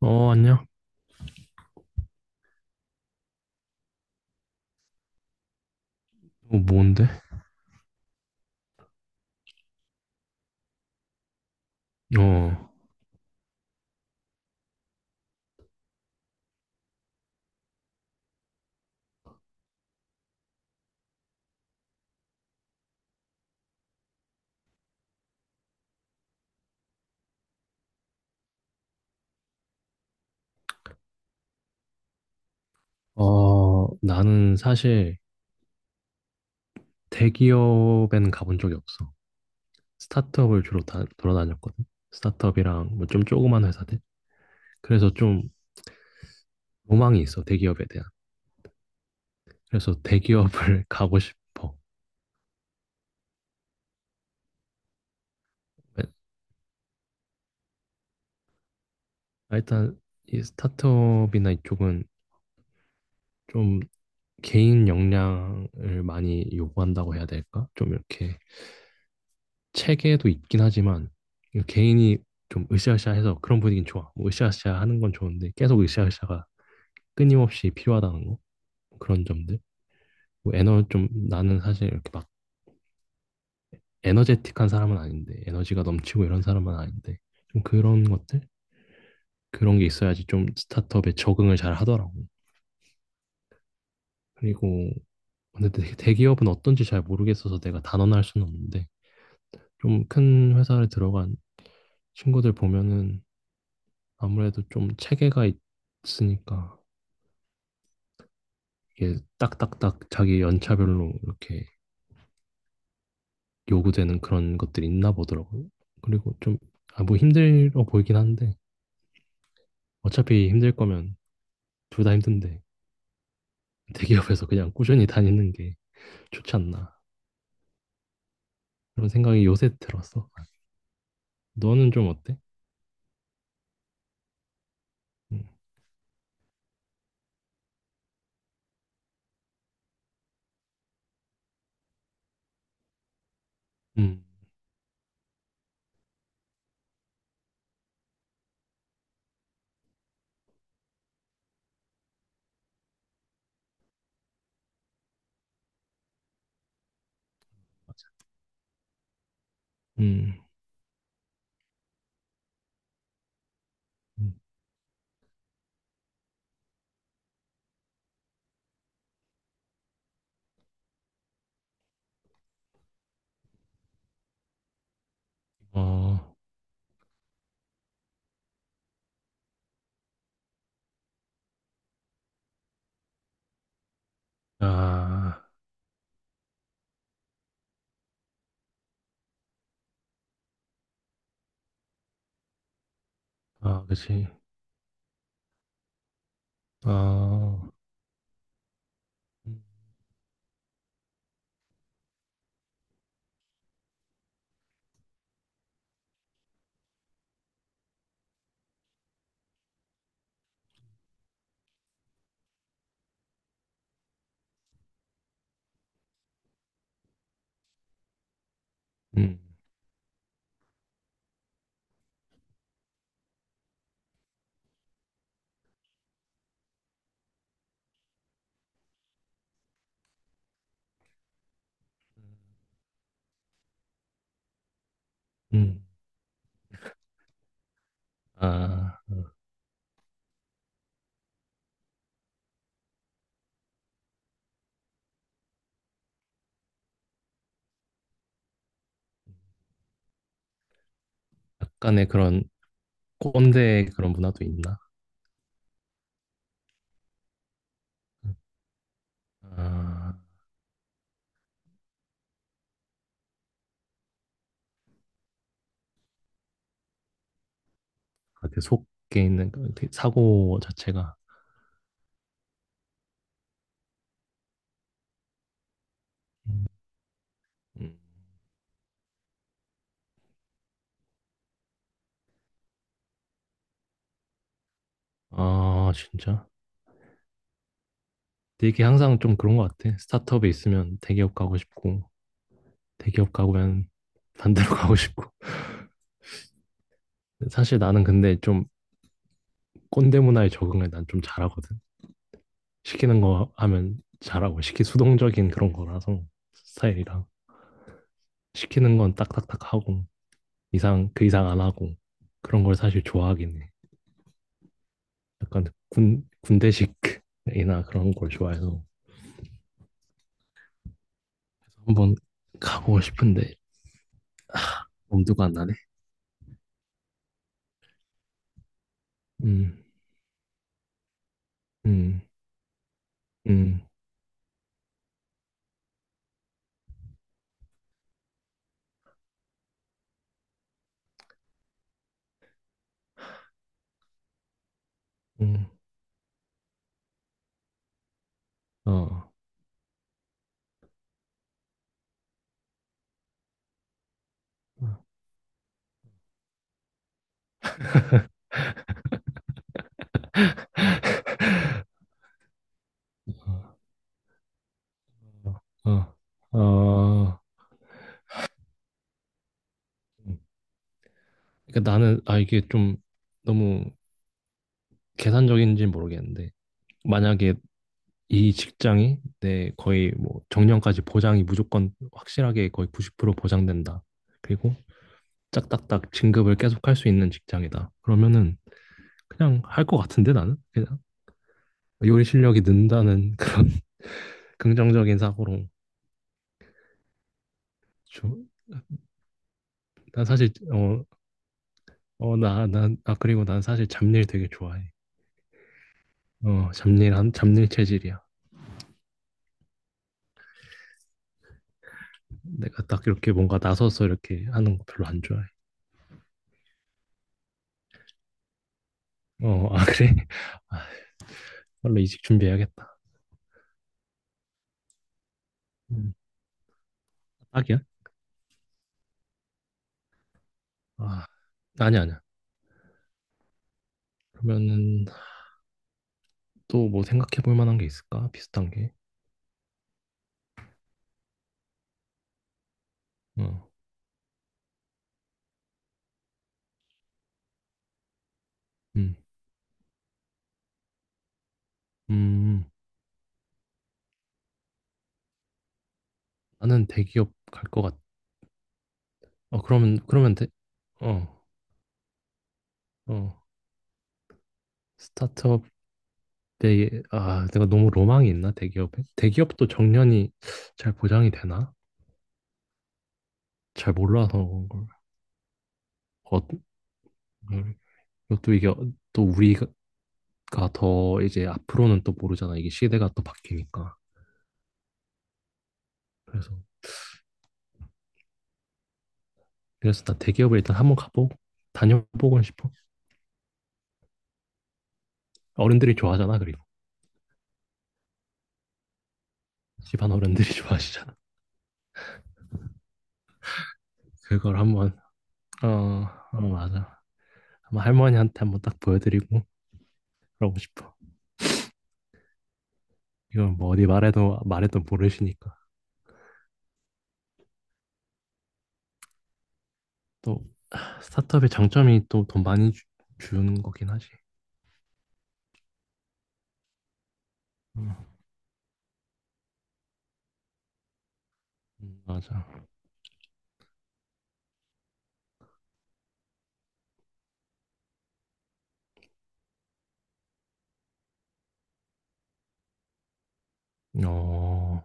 어, 안녕. 어, 뭔데? 어, 나는 사실 대기업에는 가본 적이 없어. 스타트업을 주로 돌아다녔거든. 스타트업이랑 뭐 좀 조그만 회사들. 그래서 좀 로망이 있어, 대기업에 대한. 그래서 대기업을 가고 싶어. 일단 이 스타트업이나 이쪽은 좀 개인 역량을 많이 요구한다고 해야 될까? 좀 이렇게 체계도 있긴 하지만 이거 개인이 좀 으쌰으쌰해서 그런 분위기는 좋아. 뭐 으쌰으쌰 하는 건 좋은데 계속 으쌰으쌰가 끊임없이 필요하다는 거 그런 점들. 뭐 에너 좀 나는 사실 이렇게 막 에너제틱한 사람은 아닌데 에너지가 넘치고 이런 사람은 아닌데 좀 그런 것들 그런 게 있어야지 좀 스타트업에 적응을 잘 하더라고. 그리고 근데 대기업은 어떤지 잘 모르겠어서 내가 단언할 수는 없는데 좀 큰 회사를 들어간 친구들 보면은 아무래도 좀 체계가 있으니까 이게 딱딱딱 자기 연차별로 이렇게 요구되는 그런 것들이 있나 보더라고요. 그리고 좀, 뭐 힘들어 보이긴 한데, 어차피 힘들 거면 둘 다 힘든데, 대기업에서 그냥 꾸준히 다니는 게 좋지 않나. 그런 생각이 요새 들었어. 너는 좀 어때? 음, 음, 맞아. 음, 음. 어, 아, 아, 그치. 아, 음, 음, 음. 아, 약간의 그런 꼰대 그런 문화도 있나? 음. 아, 같아. 속에 있는 그 되게 사고 자체가. 음. 아, 진짜. 근데 이게 항상 좀 그런 것 같아. 스타트업에 있으면 대기업 가고 싶고, 대기업 가면 반대로 가고 싶고. 사실 나는 근데 좀 꼰대 문화에 적응을 난 좀 잘하거든. 시키는 거 하면 잘하고, 시키 수동적인 그런 거라서 스타일이랑. 시키는 건 딱딱딱 하고, 그 이상 안 하고. 그런 걸 사실 좋아하긴 해. 약간 군대식이나 그런 걸 좋아해서. 한 번 가보고 싶은데 엄두가 안 나네. 음, 음, 음, 음, 어, 어, 어, 어, 어. 그러니까 나는 이게 좀 너무 계산적인지 모르겠는데 만약에 이 직장이 내 거의 뭐 정년까지 보장이 무조건 확실하게 거의 90% 보장된다. 그리고 짝딱딱 진급을 계속할 수 있는 직장이다. 그러면은 그냥 할 것 같은데 나는 그냥 요리 실력이 는다는 그런 긍정적인 사고로 조, 난 사실 어, 어, 나, 난, 아, 그리고 난 사실 잡일 되게 좋아해. 잡일 체질이야. 내가 딱 이렇게 뭔가 나서서 이렇게 하는 거 별로 안 좋아해. 어, 아 그래? 아, 빨리 이직 준비해야겠다. 음, 딱이야? 아, 아니 야 아니야. 아니야. 그러면은 또 뭐 생각해 볼 만한 게 있을까? 비슷한 게. 어, 음, 음, 나는 대기업 갈 것 같. 어, 그러면 돼. 어, 어, 내가 너무 로망이 있나, 대기업에? 대기업도 정년이 잘 보장이 되나? 잘 몰라서 그런 걸. 어, 또 이게, 또 우리가 더 이제 앞으로는 또 모르잖아. 이게 시대가 또 바뀌니까. 그래서, 그래서 나 대기업에 일단 한번 가보고, 다녀보고 싶어. 어른들이 좋아하잖아, 그리고. 집안 어른들이 좋아하시잖아. 그걸 한번, 어, 어, 맞아. 한번 할머니한테 한번 딱 보여드리고, 그러고 싶어. 이건 뭐 어디 말해도 모르시니까. 또 스타트업의 장점이 또 돈 많이 주는 거긴 하지. 음, 맞아. 어,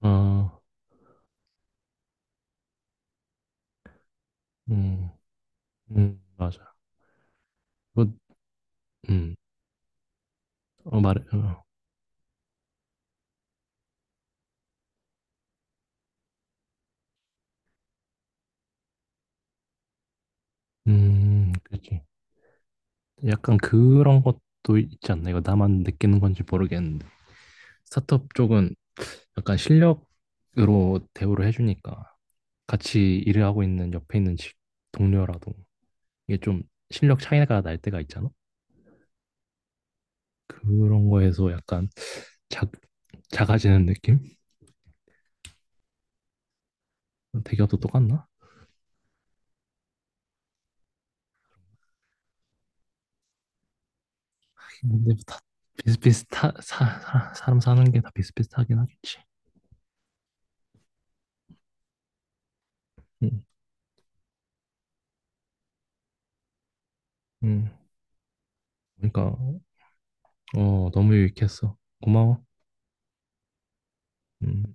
어, 음, 맞아. 그, 음, 어, 말해, 어, 그렇지. 약간 그런 것도 있지 않나? 이거 나만 느끼는 건지 모르겠는데. 스타트업 쪽은 약간 실력으로 대우를 해주니까 같이 일을 하고 있는 옆에 있는 동료라도 이게 좀 실력 차이가 날 때가 있잖아? 그런 거에서 약간 작, 작아지는 느낌? 대기업도 똑같나? 근데 뭐 다 사람 사는 게 다 비슷비슷하긴 하겠지. 응, 응. 그러니까 너무 유익했어. 고마워. 음.